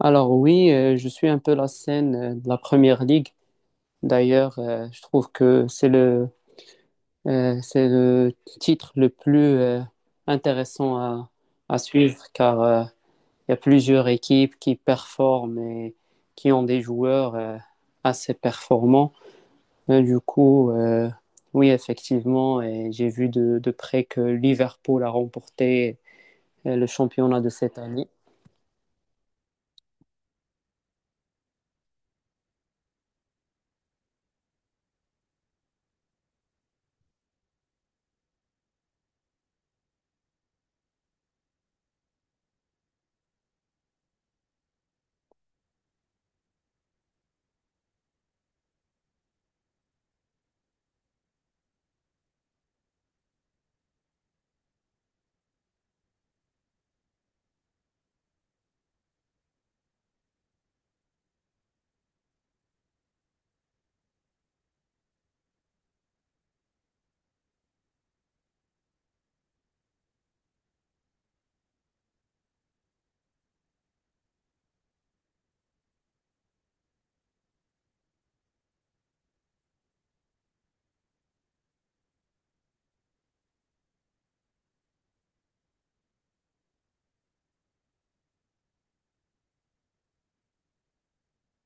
Alors oui, je suis un peu la scène de la Première Ligue. D'ailleurs, je trouve que c'est le titre le plus intéressant à suivre car il y a plusieurs équipes qui performent et qui ont des joueurs assez performants. Et du coup, oui, effectivement, et j'ai vu de près que Liverpool a remporté le championnat de cette année.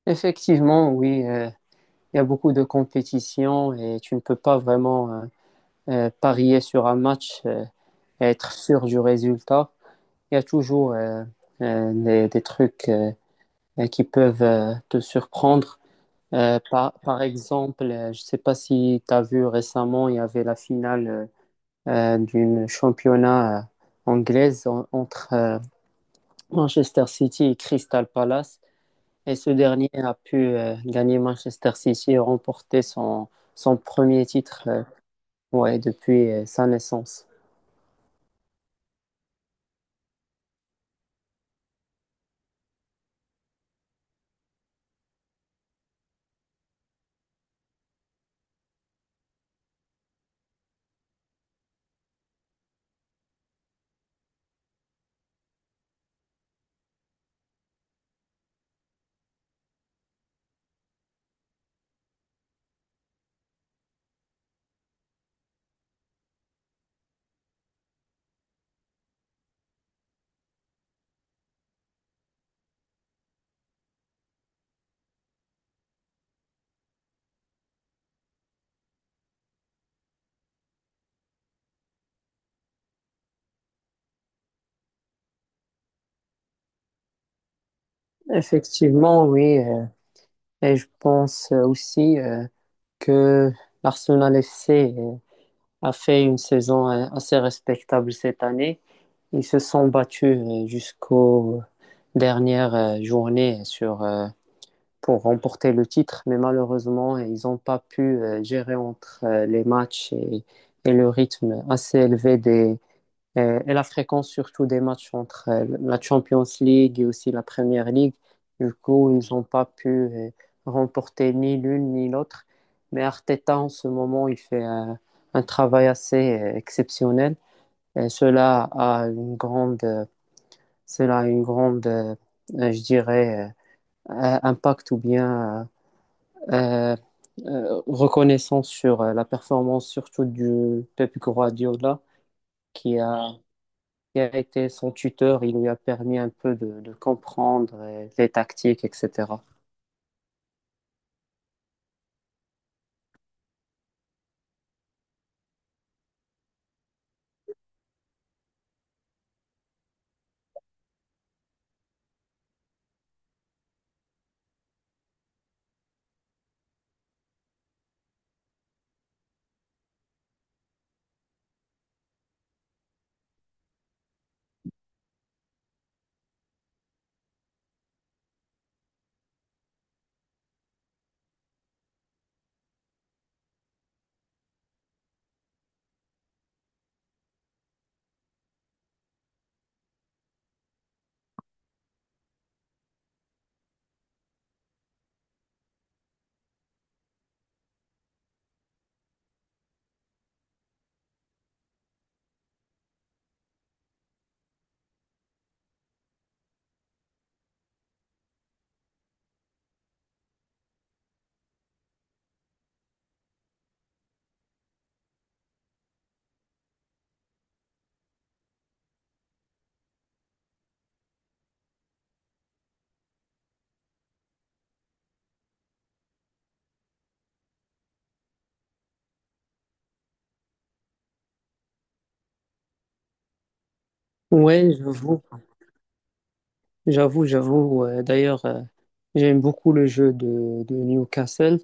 Effectivement, oui. Il y a beaucoup de compétitions et tu ne peux pas vraiment parier sur un match et être sûr du résultat. Il y a toujours des trucs qui peuvent te surprendre. Par exemple, je ne sais pas si tu as vu récemment, il y avait la finale d'une championnat anglaise entre Manchester City et Crystal Palace. Et ce dernier a pu gagner Manchester City et remporter son premier titre, ouais, depuis sa naissance. Effectivement, oui. Et je pense aussi que l'Arsenal FC a fait une saison assez respectable cette année. Ils se sont battus jusqu'aux dernières journées pour remporter le titre, mais malheureusement, ils n'ont pas pu gérer entre les matchs et le rythme assez élevé des et la fréquence surtout des matchs entre la Champions League et aussi la Premier League. Du coup, ils n'ont pas pu remporter ni l'une ni l'autre. Mais Arteta, en ce moment, il fait un travail assez exceptionnel. Et cela a une grande, je dirais, impact ou bien euh, reconnaissance sur la performance surtout du Pep Guardiola qui a qui a été son tuteur, il lui a permis un peu de comprendre les tactiques, etc. Oui, j'avoue. D'ailleurs, j'aime beaucoup le jeu de Newcastle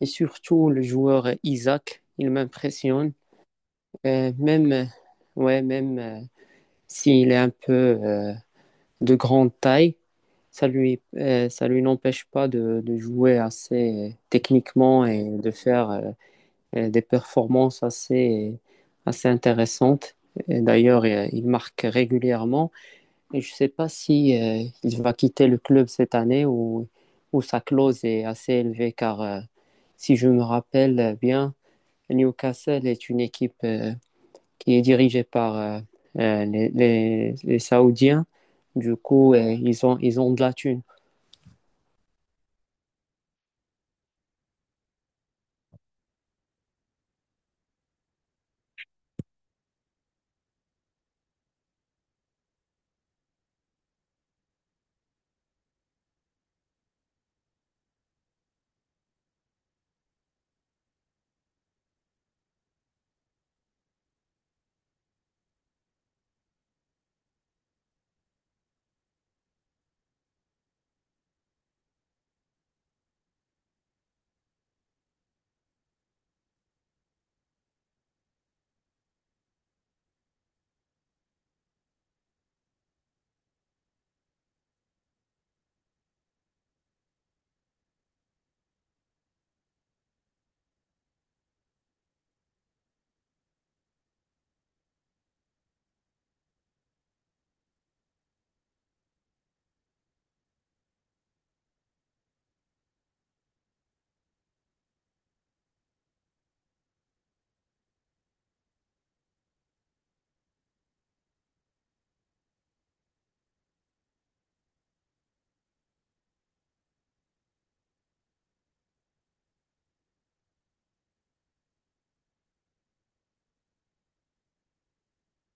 et surtout le joueur Isaac, il m'impressionne. Euh, même, euh, ouais, même s'il est un peu de grande taille, ça lui n'empêche pas de jouer assez techniquement et de faire des performances assez intéressantes. Et d'ailleurs, il marque régulièrement. Et je ne sais pas si il va quitter le club cette année, ou sa clause est assez élevée, car si je me rappelle bien, Newcastle est une équipe qui est dirigée par les Saoudiens. Du coup, ils ont de la thune.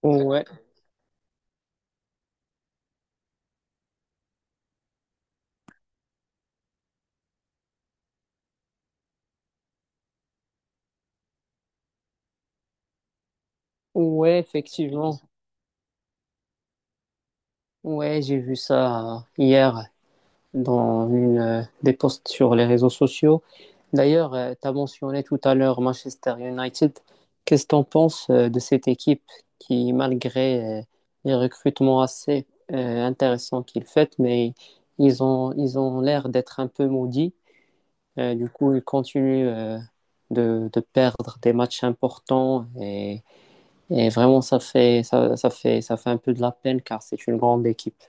Ouais, ouais, effectivement. Ouais, j'ai vu ça hier, dans une, des posts sur les réseaux sociaux. D'ailleurs, tu as mentionné tout à l'heure Manchester United. Qu'est-ce que tu en penses de cette équipe qui, malgré les recrutements assez intéressants qu'ils font, mais ils ont l'air d'être un peu maudits. Du coup, ils continuent de perdre des matchs importants et vraiment, ça fait un peu de la peine car c'est une grande équipe.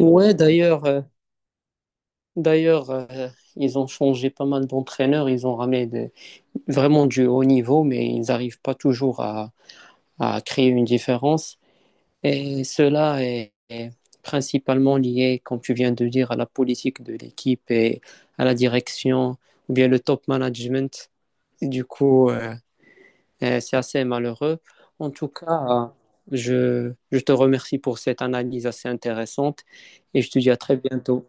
Ouais, d'ailleurs, ils ont changé pas mal d'entraîneurs, ils ont ramené des- vraiment du haut niveau, mais ils n'arrivent pas toujours à créer une différence. Et est principalement lié, comme tu viens de dire, à la politique de l'équipe et à la direction, ou bien le top management. Du coup, c'est assez malheureux. En tout cas, je te remercie pour cette analyse assez intéressante et je te dis à très bientôt.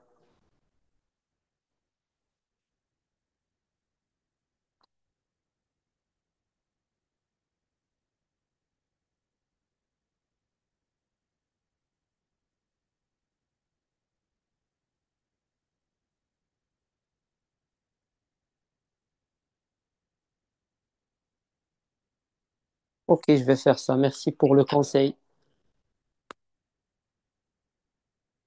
Ok, je vais faire ça. Merci pour le conseil.